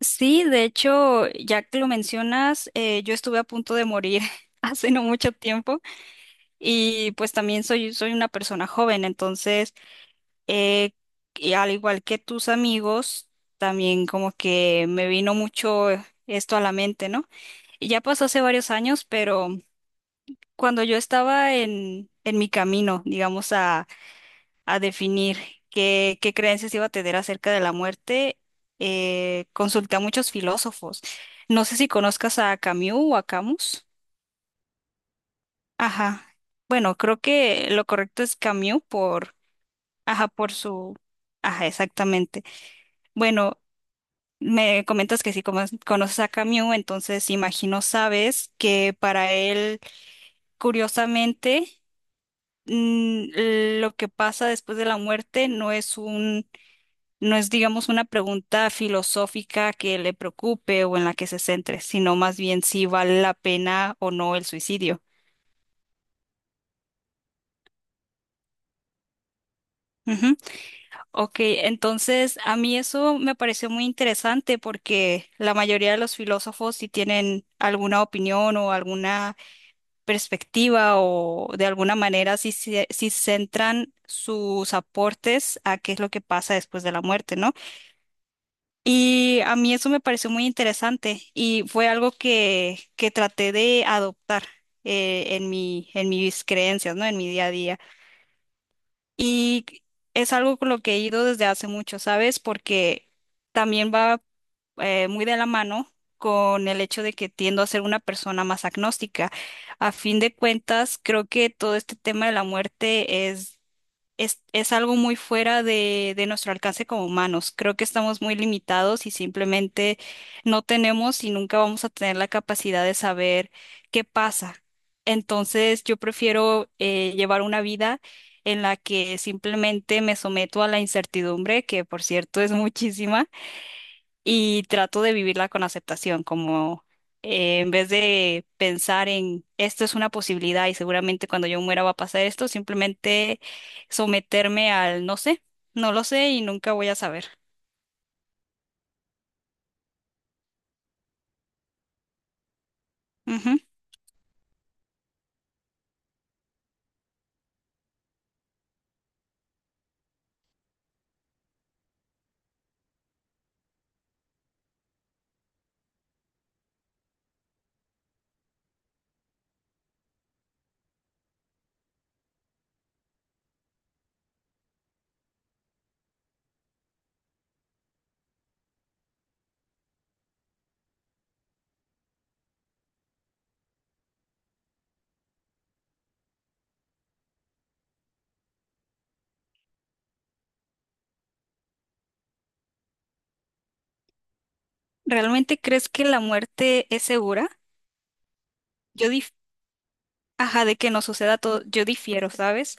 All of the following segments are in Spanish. Sí, de hecho, ya que lo mencionas, yo estuve a punto de morir hace no mucho tiempo y pues también soy, soy una persona joven, entonces, eh, y al igual que tus amigos, también como que me vino mucho esto a la mente, ¿no? Y ya pasó hace varios años, pero cuando yo estaba en mi camino, digamos, a definir qué, qué creencias iba a tener acerca de la muerte, consulté a muchos filósofos. No sé si conozcas a Camus o a Camus. Ajá. Bueno, creo que lo correcto es Camus por, ajá, por su, ajá, exactamente. Bueno, me comentas que si conoces a Camus, entonces imagino sabes que para él, curiosamente, lo que pasa después de la muerte no es un No es, digamos, una pregunta filosófica que le preocupe o en la que se centre, sino más bien si vale la pena o no el suicidio. Ujú. Ok, entonces a mí eso me pareció muy interesante porque la mayoría de los filósofos si tienen alguna opinión o alguna perspectiva o de alguna manera si, centran sus aportes a qué es lo que pasa después de la muerte, ¿no? Y a mí eso me pareció muy interesante y fue algo que traté de adoptar en mi, en mis creencias, ¿no? En mi día a día. Y es algo con lo que he ido desde hace mucho, ¿sabes? Porque también va muy de la mano con el hecho de que tiendo a ser una persona más agnóstica. A fin de cuentas, creo que todo este tema de la muerte es algo muy fuera de nuestro alcance como humanos. Creo que estamos muy limitados y simplemente no tenemos y nunca vamos a tener la capacidad de saber qué pasa. Entonces, yo prefiero llevar una vida en la que simplemente me someto a la incertidumbre, que por cierto es muchísima y trato de vivirla con aceptación, como en vez de pensar en esto es una posibilidad y seguramente cuando yo muera va a pasar esto, simplemente someterme al no sé, no lo sé y nunca voy a saber. Ujú. ¿Realmente crees que la muerte es segura? Yo dif- ajá, de que no suceda todo, yo difiero, ¿sabes?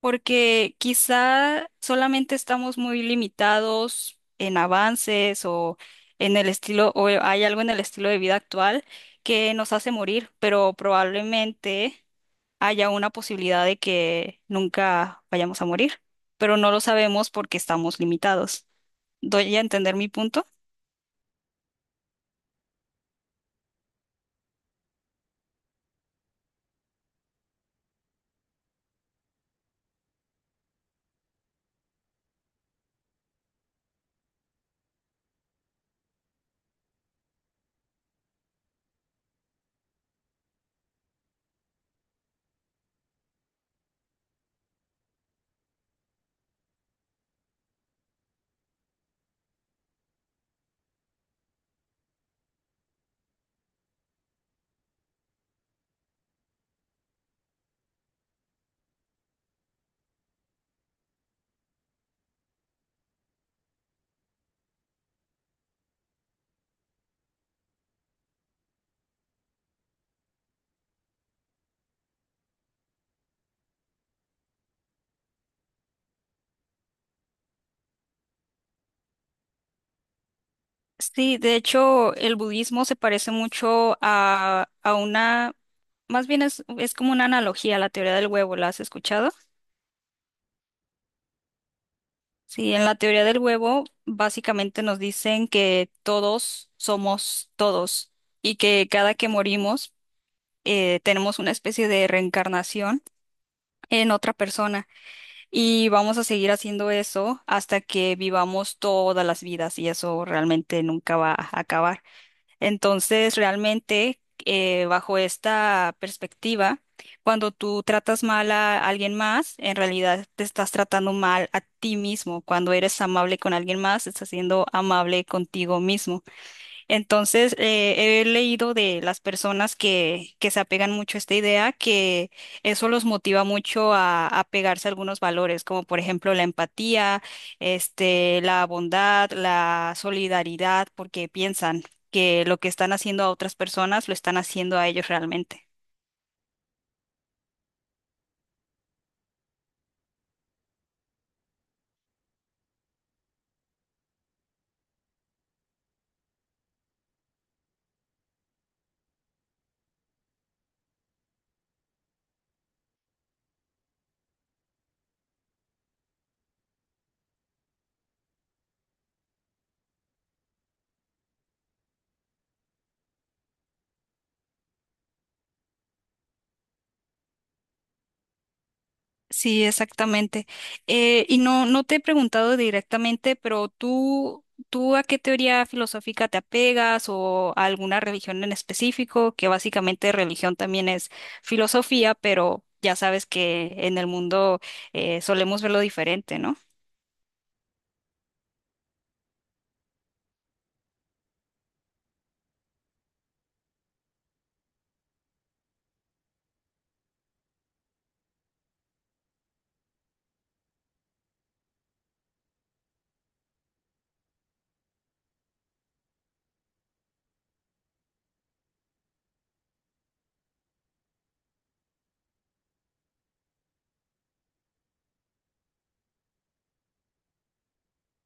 Porque quizá solamente estamos muy limitados en avances o en el estilo, o hay algo en el estilo de vida actual que nos hace morir, pero probablemente haya una posibilidad de que nunca vayamos a morir, pero no lo sabemos porque estamos limitados. ¿Doy a entender mi punto? Sí, de hecho, el budismo se parece mucho a una, más bien es como una analogía a la teoría del huevo, ¿la has escuchado? Sí, en la teoría del huevo, básicamente nos dicen que todos somos todos y que cada que morimos tenemos una especie de reencarnación en otra persona y vamos a seguir haciendo eso hasta que vivamos todas las vidas y eso realmente nunca va a acabar. Entonces, realmente, bajo esta perspectiva, cuando tú tratas mal a alguien más, en realidad te estás tratando mal a ti mismo. Cuando eres amable con alguien más, estás siendo amable contigo mismo. Entonces, he leído de las personas que se apegan mucho a esta idea, que eso los motiva mucho a pegarse a algunos valores, como por ejemplo la empatía, este, la bondad, la solidaridad, porque piensan que lo que están haciendo a otras personas lo están haciendo a ellos realmente. Sí, exactamente. Y no, no te he preguntado directamente, pero tú, ¿tú a qué teoría filosófica te apegas o a alguna religión en específico? Que básicamente religión también es filosofía, pero ya sabes que en el mundo solemos verlo diferente, ¿no?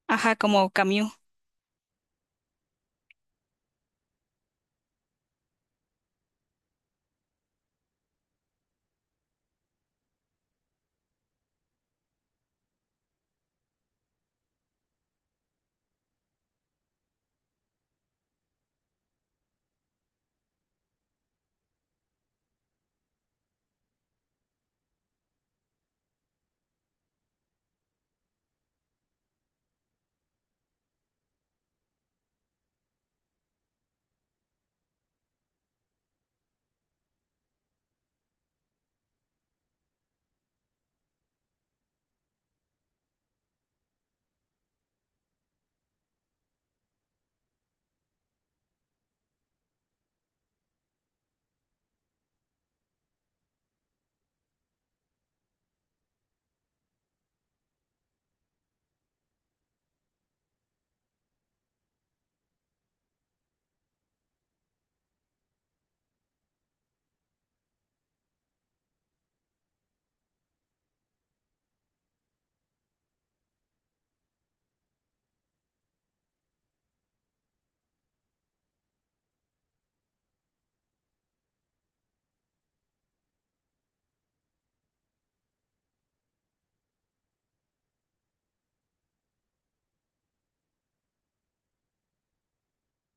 Ajá, como Camus.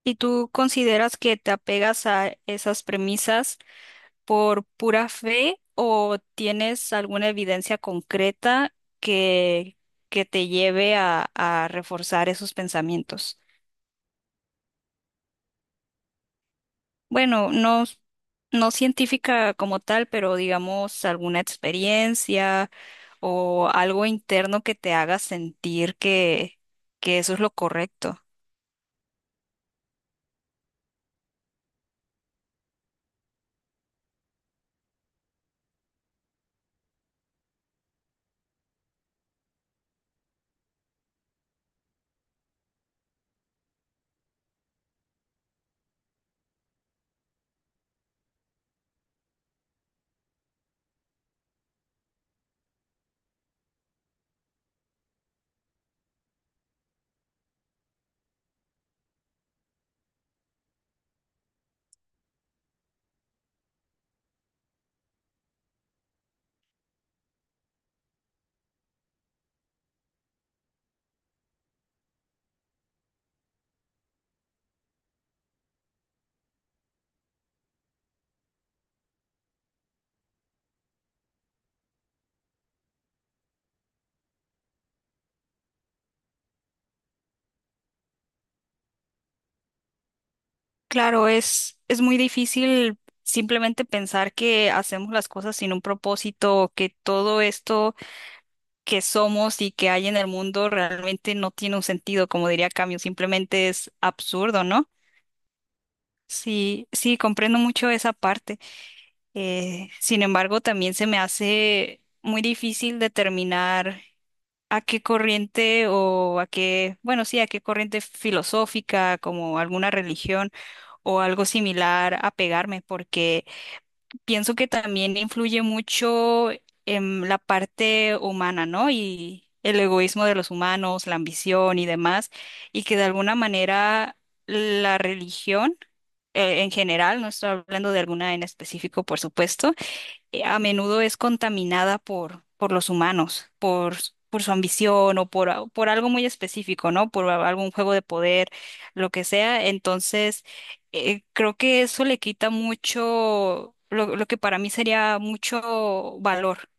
¿Y tú consideras que te apegas a esas premisas, por pura fe o tienes alguna evidencia concreta que, que te lleve a reforzar esos pensamientos? Bueno, no, no científica como tal, pero digamos alguna experiencia o algo interno que te haga sentir que eso es lo correcto. Claro, es muy difícil simplemente pensar que hacemos las cosas sin un propósito, que todo esto que somos y que hay en el mundo realmente no tiene un sentido, como diría Camus, simplemente es absurdo, ¿no? Sí, sí, comprendo mucho esa parte. Sin embargo, también se me hace muy difícil determinar a qué corriente o a qué, bueno, sí, a qué corriente filosófica, como alguna religión o algo similar, apegarme, porque pienso que también influye mucho en la parte humana, ¿no? Y el egoísmo de los humanos, la ambición y demás, y que de alguna manera la religión en general, no estoy hablando de alguna en específico, por supuesto, a menudo es contaminada por los humanos, por, por su ambición o por, por algo muy específico, ¿no? Por algún juego de poder, lo que sea. Entonces, creo que eso le quita mucho, lo que para mí sería mucho valor.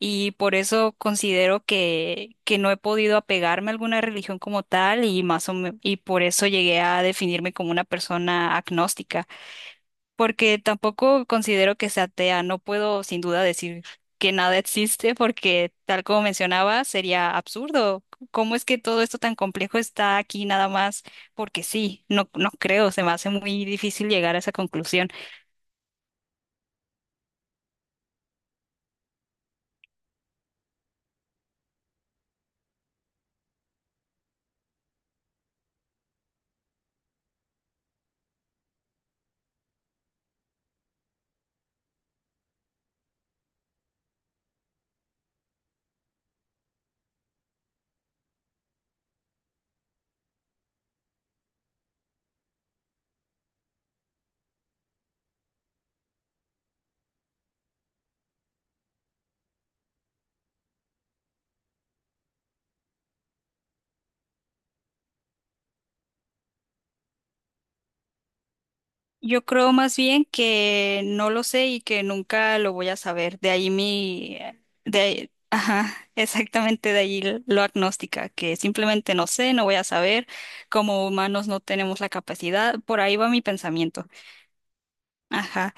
Y por eso considero que no he podido apegarme a alguna religión como tal y por eso llegué a definirme como una persona agnóstica porque tampoco considero que sea atea. No puedo sin duda decir que nada existe porque tal como mencionaba, sería absurdo. ¿Cómo es que todo esto tan complejo está aquí nada más? Porque sí, no, no creo, se me hace muy difícil llegar a esa conclusión. Yo creo más bien que no lo sé y que nunca lo voy a saber. De ahí mi, ajá, exactamente de ahí lo agnóstica, que simplemente no sé, no voy a saber. Como humanos no tenemos la capacidad. Por ahí va mi pensamiento. Ajá.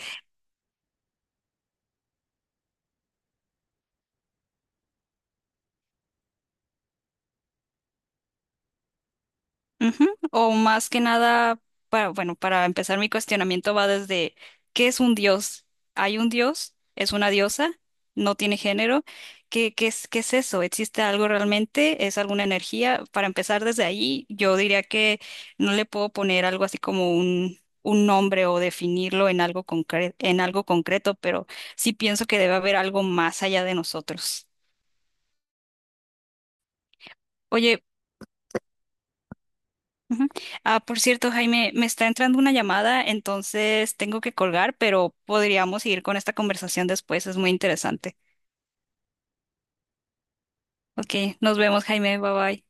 Ujú. O más que nada, para, bueno, para empezar mi cuestionamiento va desde, ¿qué es un dios? ¿Hay un dios? ¿Es una diosa? ¿No tiene género? ¿Qué, qué es eso? ¿Existe algo realmente? ¿Es alguna energía? Para empezar desde ahí, yo diría que no le puedo poner algo así como un nombre o definirlo en algo en algo concreto, pero sí pienso que debe haber algo más allá de nosotros. Oye, ujú. Ah, por cierto, Jaime, me está entrando una llamada, entonces tengo que colgar, pero podríamos seguir con esta conversación después, es muy interesante. Ok, nos vemos, Jaime, bye bye.